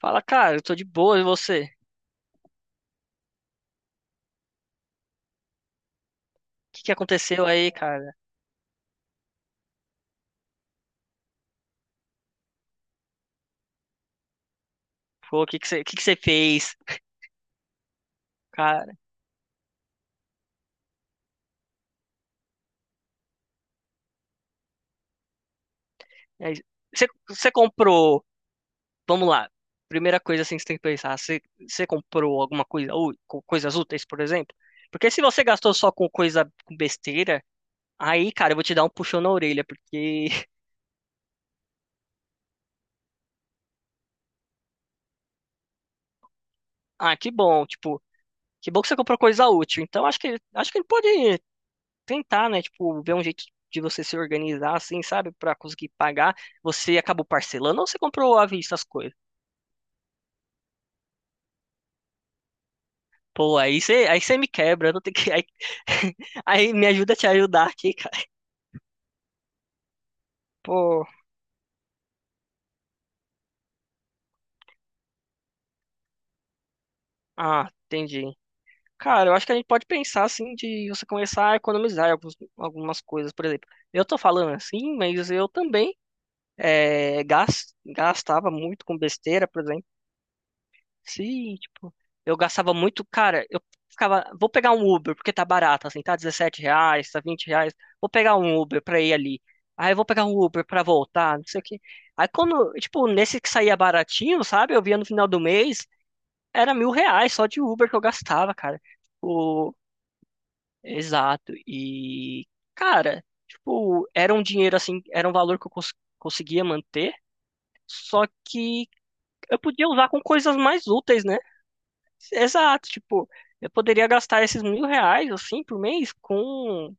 Fala, cara, eu tô de boa, e você? O que que aconteceu aí, cara? Pô, o que que você fez, cara? E aí, você comprou, vamos lá, primeira coisa assim que você tem que pensar, você comprou alguma coisa, ou coisas úteis, por exemplo? Porque se você gastou só com coisa, com besteira, aí, cara, eu vou te dar um puxão na orelha, porque, ah, que bom, tipo, que bom que você comprou coisa útil, então acho que ele pode tentar, né? Tipo, ver um jeito de você se organizar, assim, sabe? Pra conseguir pagar. Você acabou parcelando ou você comprou à vista as coisas? Pô, aí você me quebra, eu não tenho que. Aí, aí me ajuda a te ajudar aqui, cara. Pô, ah, entendi. Cara, eu acho que a gente pode pensar, assim, de você começar a economizar em algumas coisas. Por exemplo, eu tô falando assim, mas eu também. É, gastava muito com besteira, por exemplo. Sim, tipo, eu gastava muito, cara, eu ficava, vou pegar um Uber, porque tá barato, assim, tá R$ 17, tá R$ 20, vou pegar um Uber pra ir ali. Aí eu vou pegar um Uber pra voltar, não sei o quê. Aí quando, tipo, nesse que saía baratinho, sabe, eu via no final do mês, era R$ 1.000 só de Uber que eu gastava, cara. O... Exato, e, cara, tipo, era um dinheiro, assim, era um valor que eu conseguia manter, só que eu podia usar com coisas mais úteis, né? Exato, tipo, eu poderia gastar esses R$ 1.000, assim, por mês com,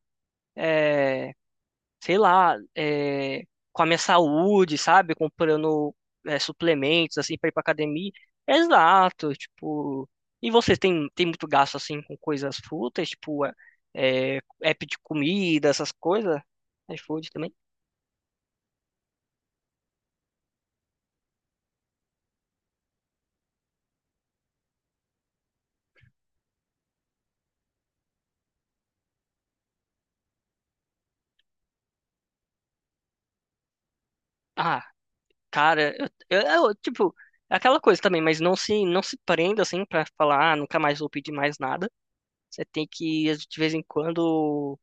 é, sei lá, é, com a minha saúde, sabe? Comprando, é, suplementos, assim, pra ir pra academia. Exato, tipo. E você tem, tem muito gasto, assim, com coisas fúteis, tipo, é, app de comida, essas coisas? iFood também? Ah, cara, eu, tipo, é aquela coisa também, mas não se prenda, assim, pra falar, ah, nunca mais vou pedir mais nada. Você tem que, de vez em quando,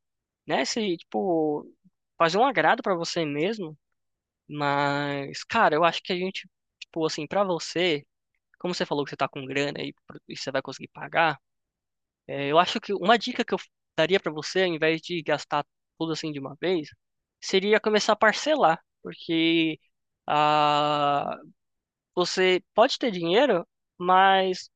né, se, tipo, fazer um agrado pra você mesmo. Mas, cara, eu acho que a gente, tipo, assim, pra você, como você falou que você tá com grana e, e você vai conseguir pagar, é, eu acho que uma dica que eu daria pra você, ao invés de gastar tudo assim de uma vez, seria começar a parcelar. Porque ah, você pode ter dinheiro, mas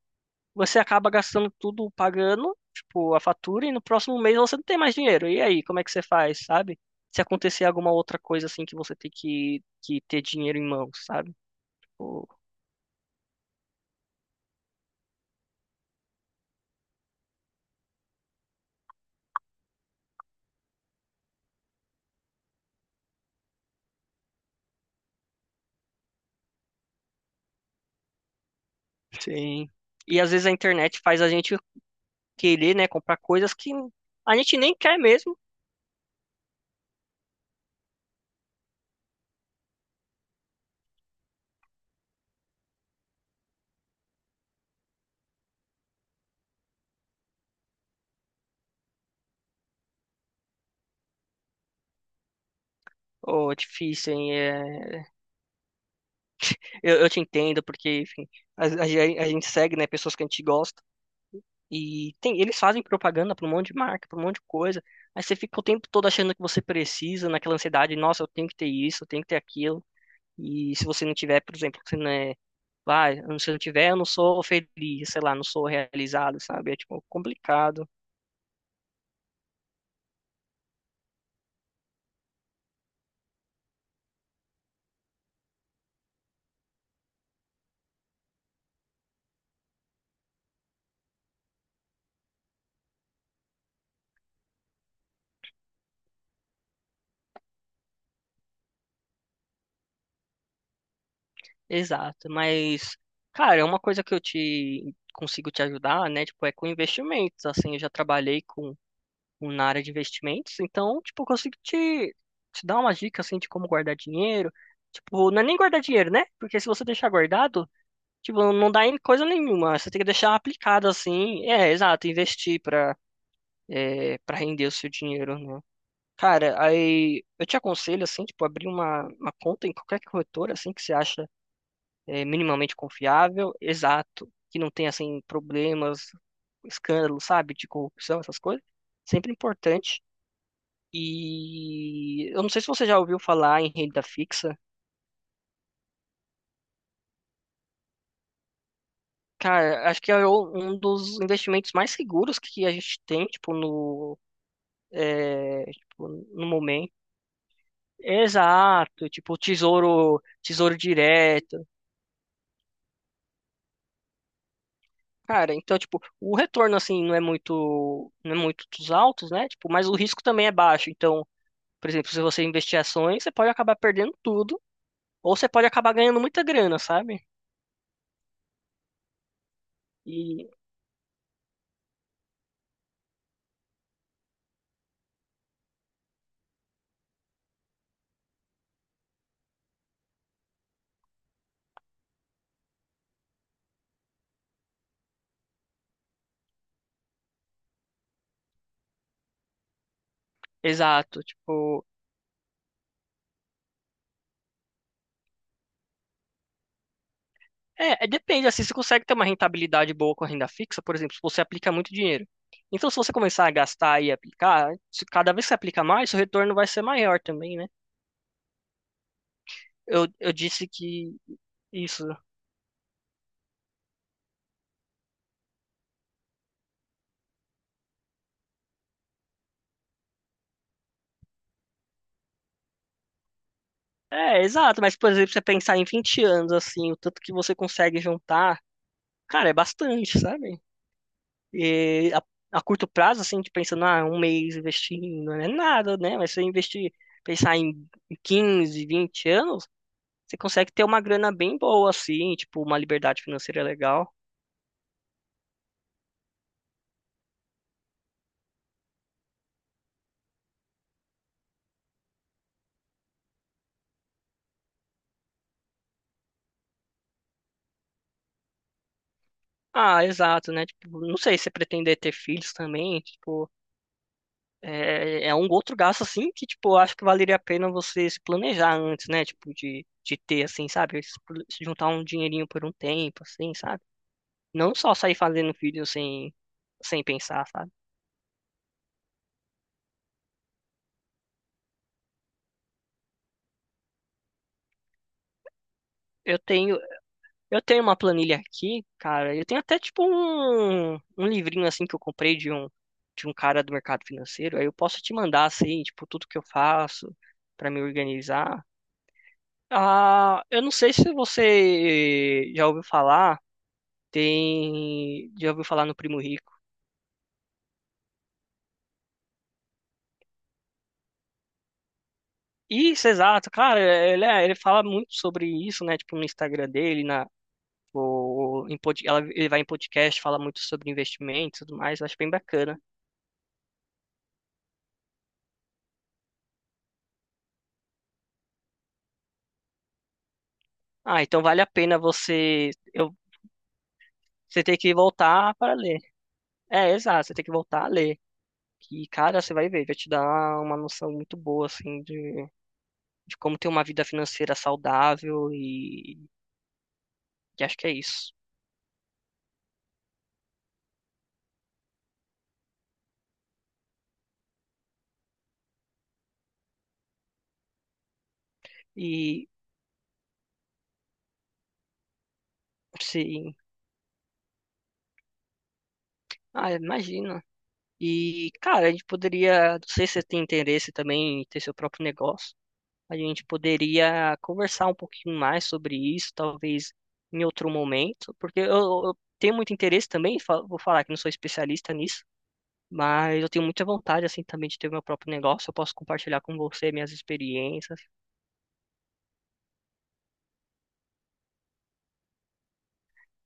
você acaba gastando tudo pagando, tipo, a fatura, e no próximo mês você não tem mais dinheiro. E aí, como é que você faz, sabe? Se acontecer alguma outra coisa assim que você tem que ter dinheiro em mãos, sabe? Tipo, Sim. E às vezes a internet faz a gente querer, né, comprar coisas que a gente nem quer mesmo. Ô, difícil, hein? É, eu te entendo, porque, enfim, a gente segue, né, pessoas que a gente gosta. E tem, eles fazem propaganda para um monte de marca, para um monte de coisa. Aí você fica o tempo todo achando que você precisa, naquela ansiedade, nossa, eu tenho que ter isso, eu tenho que ter aquilo. E se você não tiver, por exemplo, você não é, vai, se eu não tiver, eu não sou feliz, sei lá, não sou realizado, sabe? É tipo complicado. Exato, mas cara, é uma coisa que eu te consigo te ajudar, né? Tipo, é com investimentos, assim, eu já trabalhei com na área de investimentos, então, tipo, eu consigo te dar uma dica, assim, de como guardar dinheiro. Tipo, não é nem guardar dinheiro, né? Porque se você deixar guardado, tipo, não dá em coisa nenhuma. Você tem que deixar aplicado, assim. É, exato, investir pra, é, pra render o seu dinheiro, né? Cara, aí eu te aconselho, assim, tipo, abrir uma conta em qualquer corretora, assim, que você acha é, minimamente confiável, exato, que não tenha, assim, problemas, escândalos, sabe, de corrupção, essas coisas. Sempre importante. E eu não sei se você já ouviu falar em renda fixa. Cara, acho que é um dos investimentos mais seguros que a gente tem, tipo, no, é, tipo, no momento. Exato, tipo, tesouro direto. Cara, então, tipo, o retorno, assim, não é muito dos altos, né? Tipo, mas o risco também é baixo. Então, por exemplo, se você investir ações, você pode acabar perdendo tudo, ou você pode acabar ganhando muita grana, sabe? E, exato, tipo, É, depende, assim, você consegue ter uma rentabilidade boa com a renda fixa, por exemplo, se você aplica muito dinheiro. Então, se você começar a gastar e aplicar, se cada vez que você aplica mais, seu retorno vai ser maior também, né? Eu disse que isso. É, exato, mas, por exemplo, você pensar em 20 anos, assim, o tanto que você consegue juntar, cara, é bastante, sabe? E a curto prazo, assim, de pensando, ah, um mês investindo, não é nada, né? Mas se você investir, pensar em 15, 20 anos, Você consegue ter uma grana bem boa, assim, tipo, uma liberdade financeira legal. Ah, exato, né? Tipo, não sei se você pretender ter filhos também, tipo, é um outro gasto, assim, que, tipo, eu acho que valeria a pena você se planejar antes, né? Tipo, de ter, assim, sabe? Se juntar um dinheirinho por um tempo, assim, sabe? Não só sair fazendo filhos sem pensar, sabe? Eu tenho, Eu tenho uma planilha aqui, cara. Eu tenho até tipo um livrinho assim que eu comprei de um cara do mercado financeiro. Aí eu posso te mandar assim, tipo, tudo que eu faço pra me organizar. Ah, eu não sei se você já ouviu falar, tem já ouviu falar no Primo Rico. Isso, exato, cara, ele fala muito sobre isso, né? Tipo, no Instagram dele, na, o, em pod- ela- ele vai em podcast, fala muito sobre investimentos e tudo mais, eu acho bem bacana. Ah, então vale a pena você. Eu Você tem que voltar para ler. É, exato, você tem que voltar a ler. E, cara, você vai ver, vai te dar uma noção muito boa, assim, de, como ter uma vida financeira saudável e acho que é isso. E, sim, ah, imagina. E, cara, a gente poderia, não sei se você tem interesse também em ter seu próprio negócio, a gente poderia conversar um pouquinho mais sobre isso, talvez em outro momento, porque eu tenho muito interesse também, vou falar que não sou especialista nisso, mas eu tenho muita vontade, assim, também de ter meu próprio negócio. Eu posso compartilhar com você minhas experiências.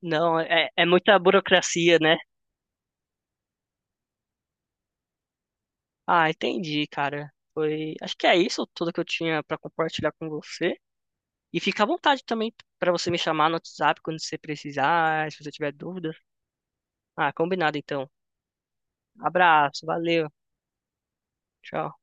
Não, é muita burocracia, né? Ah, entendi, cara. Foi, acho que é isso tudo que eu tinha para compartilhar com você. E fica à vontade também para você me chamar no WhatsApp quando você precisar, se você tiver dúvidas. Ah, combinado então. Abraço, valeu, tchau.